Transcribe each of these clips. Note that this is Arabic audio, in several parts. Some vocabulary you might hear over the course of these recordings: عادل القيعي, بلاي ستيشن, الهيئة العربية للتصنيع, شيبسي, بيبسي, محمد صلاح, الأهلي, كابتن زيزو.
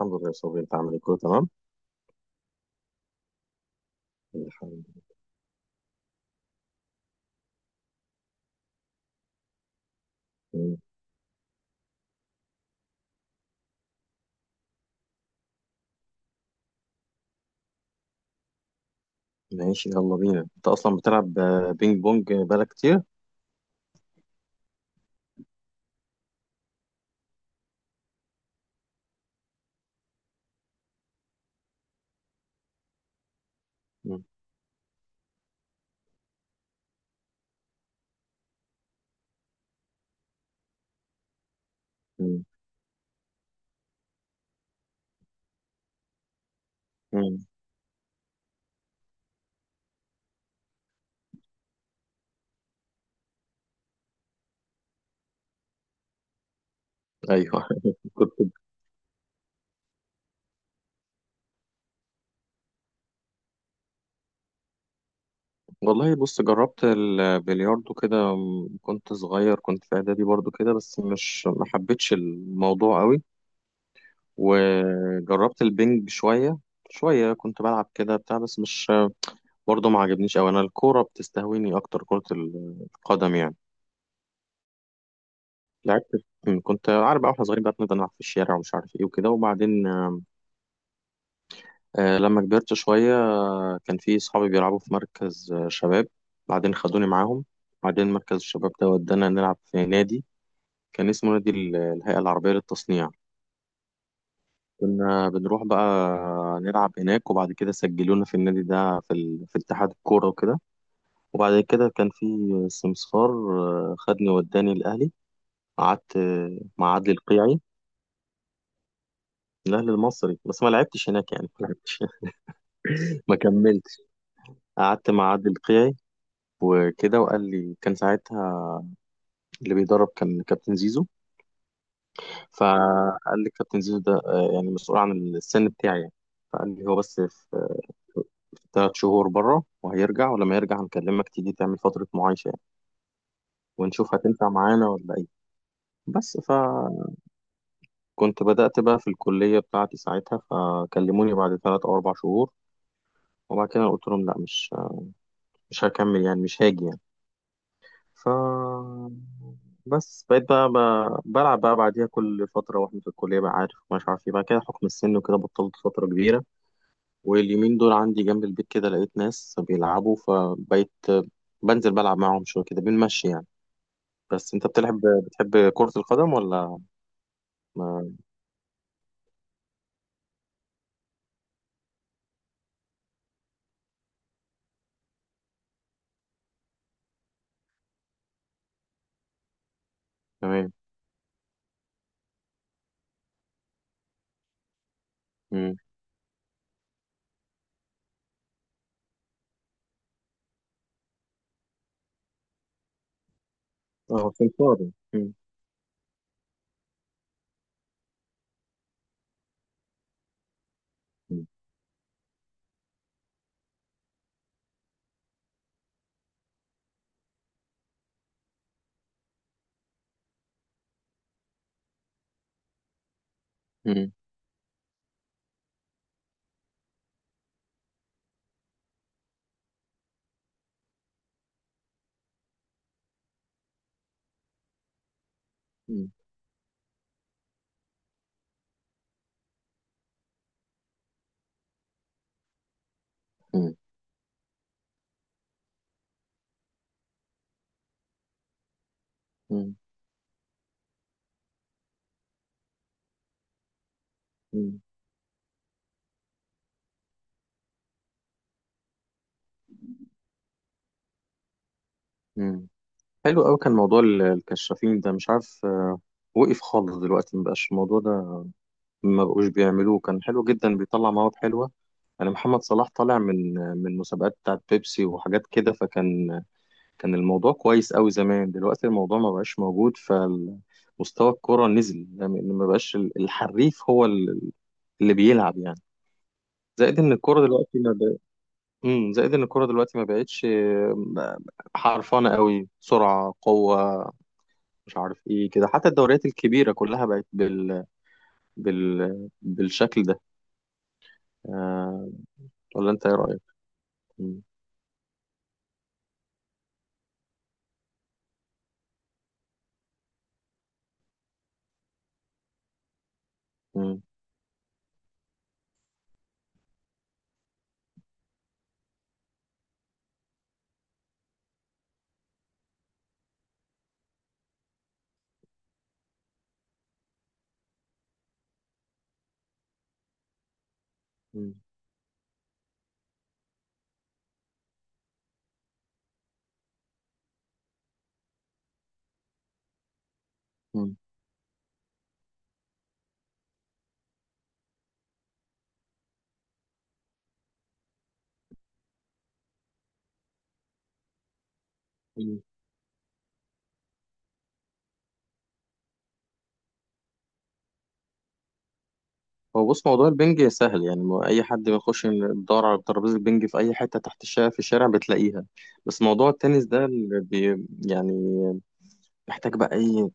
الحمد لله يا صبري، انت عامل ايه؟ كله تمام، الحمد لله. ماشي، يلا بينا. انت اصلا بتلعب بينج بونج بقالك كتير؟ مم. مم. مم. ايوه. كنت والله، بص، جربت البلياردو كده، كنت صغير، كنت في اعدادي برضو كده، بس مش ما حبيتش الموضوع قوي. وجربت البينج شوية، شوية كنت بلعب كده بتاع، بس مش برضو ما عجبنيش قوي. انا الكورة بتستهويني اكتر، كرة القدم يعني. لعبت كنت عارف بقى، واحنا صغيرين بقى بنفضل نلعب في الشارع، ومش عارف ايه وكده، وبعدين لما كبرت شوية كان في صحابي بيلعبوا في مركز شباب. بعدين خدوني معاهم. بعدين مركز الشباب ده ودانا نلعب في نادي كان اسمه نادي الهيئة العربية للتصنيع. كنا بنروح بقى نلعب هناك، وبعد كده سجلونا في النادي ده في اتحاد الكورة وكده. وبعد كده كان في سمسار خدني وداني الأهلي. قعدت مع عدلي القيعي، الأهلي المصري، بس ما لعبتش هناك يعني، ما لعبتش، ما كملتش. قعدت مع عادل قيعي وكده، وقال لي كان ساعتها اللي بيدرب كان كابتن زيزو. فقال لي كابتن زيزو ده يعني مسؤول عن السن بتاعي يعني. فقال لي هو بس في 3 شهور بره وهيرجع، ولما يرجع هنكلمك تيجي تعمل فترة معايشة يعني، ونشوف هتنفع معانا ولا ايه. بس بدأت بقى في الكلية بتاعتي ساعتها، فكلموني بعد 3 أو 4 شهور. وبعد كده قلت لهم لا، مش هكمل يعني، مش هاجي يعني. ف بس بقيت بقى بلعب بقى بعديها كل فترة، واحنا في الكلية بقى، عارف مش عارف ايه بقى كده، حكم السن وكده، بطلت فترة كبيرة. واليومين دول عندي جنب البيت كده لقيت ناس بيلعبوا، فبقيت بنزل بلعب معاهم شوية كده، بنمشي يعني. بس انت بتحب كرة القدم ولا ما تمام. مم. اه، سمسار. مم. مم. مم. مم. مم. مم. مم. مم. حلو قوي كان موضوع الكشافين ده. مش عارف، وقف خالص دلوقتي، مبقاش الموضوع ده، ما بقوش بيعملوه. كان حلو جدا، بيطلع مواد حلوه. انا محمد صلاح طالع من مسابقات بتاعت بيبسي وحاجات كده، فكان الموضوع كويس قوي زمان. دلوقتي الموضوع ما بقاش موجود، فمستوى الكرة نزل يعني. ما بقاش الحريف هو اللي بيلعب يعني. زائد ان الكرة دلوقتي ما بق... زائد ان الكرة دلوقتي ما بقتش حرفانة قوي، سرعة، قوة، مش عارف ايه كده. حتى الدوريات الكبيرة كلها بقت بالشكل ده. آه، ولا انت ايه رأيك؟ مم. مم. مم. مم. مم. هو بص، موضوع البنج سهل يعني. اي حد بيخش يدور على ترابيزه بنج في اي حته تحت الشارع، في الشارع بتلاقيها. بس موضوع التنس ده اللي يعني محتاج بقى ايه،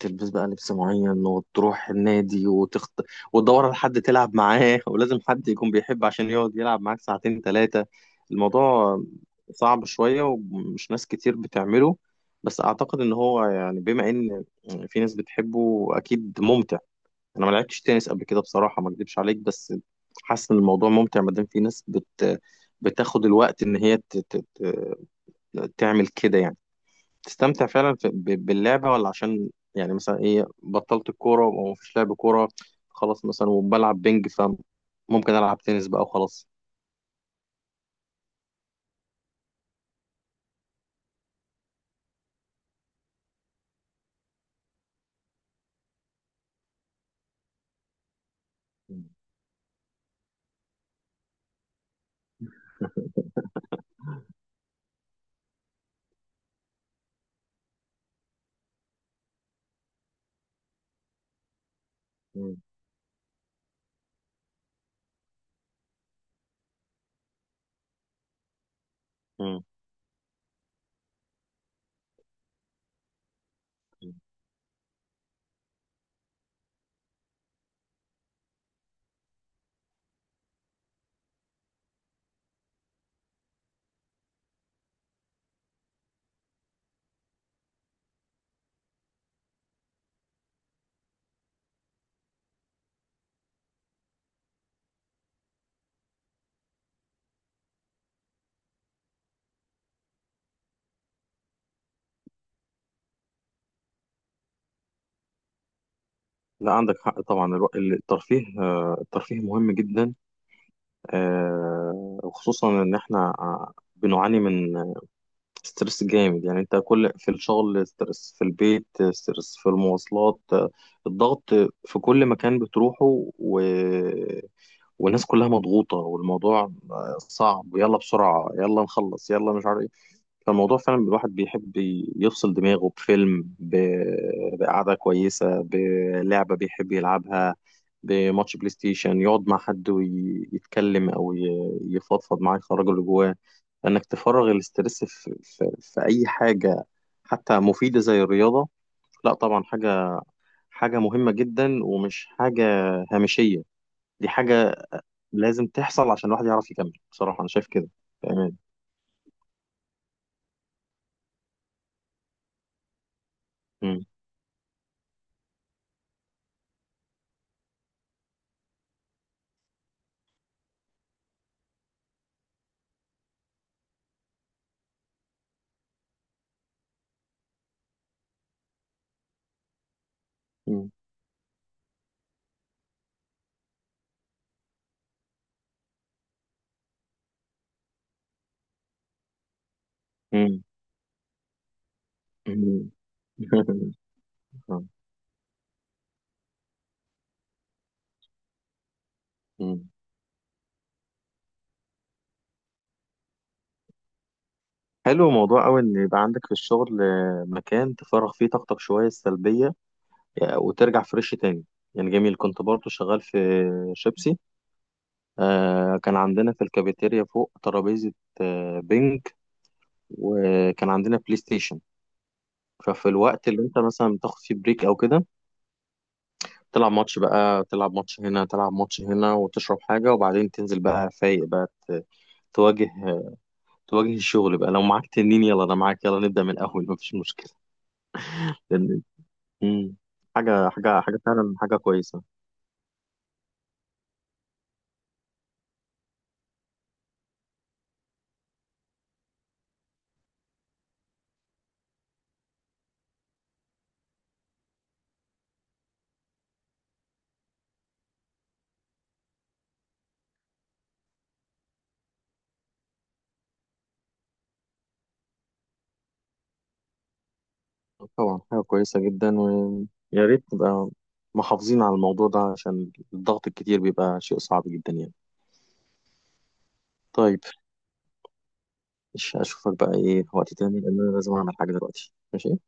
تلبس بقى لبس معين، وتروح النادي، وتدور على حد تلعب معاه. ولازم حد يكون بيحب عشان يقعد يلعب معاك ساعتين ثلاثه. الموضوع صعب شويه، ومش ناس كتير بتعمله. بس اعتقد ان هو يعني، بما ان في ناس بتحبه، اكيد ممتع. انا ما لعبتش تنس قبل كده بصراحه، ما اكدبش عليك، بس حاسس ان الموضوع ممتع، ما دام في ناس بتاخد الوقت ان هي تعمل كده يعني، تستمتع فعلا باللعبه. ولا عشان يعني، مثلا ايه، بطلت الكوره وما فيش لعب كوره، خلاص مثلا، وبلعب بينج فممكن العب تنس بقى وخلاص. مم. مم. مم. لا، عندك حق طبعا. الترفيه مهم جدا، آه، وخصوصا ان احنا بنعاني من ستريس جامد يعني. انت كل في الشغل ستريس، في البيت ستريس، في المواصلات الضغط، في كل مكان بتروحه و... والناس كلها مضغوطة والموضوع صعب. ويلا بسرعة، يلا نخلص، يلا مش عارف. فالموضوع فعلا الواحد بيحب يفصل دماغه بفيلم، بقعدة كويسة، بلعبة بيحب يلعبها، بماتش بلاي ستيشن، يقعد مع حد ويتكلم أو يفضفض معاه، يخرج اللي جواه. لأنك تفرغ الاسترس في أي حاجة، حتى مفيدة زي الرياضة. لا طبعا، حاجة مهمة جدا، ومش حاجة هامشية. دي حاجة لازم تحصل عشان الواحد يعرف يكمل، بصراحة أنا شايف كده. تمام. م- م- م- م- مم. حلو موضوع أوي إن يبقى عندك في الشغل مكان تفرغ فيه طاقتك شوية السلبية، وترجع فريش تاني، يعني جميل. كنت برضه شغال في شيبسي، كان عندنا في الكافيتيريا فوق ترابيزة بينج، وكان عندنا بلاي ستيشن. ففي الوقت اللي انت مثلا بتاخد فيه بريك او كده، تلعب ماتش بقى، تلعب ماتش هنا، تلعب ماتش هنا، وتشرب حاجة، وبعدين تنزل بقى فايق بقى، تواجه تواجه الشغل بقى. لو معاك تنين، يلا انا معاك، يلا نبدأ من الاول، مفيش مشكلة. مم. حاجة فعلا، حاجة كويسة. طبعا، حاجة كويسة جدا، ويا ريت نبقى محافظين على الموضوع ده، عشان الضغط الكتير بيبقى شيء صعب جدا يعني. طيب. مش أشوفك بقى إيه وقت تاني، لأن أنا لازم أعمل حاجة دلوقتي. ماشي.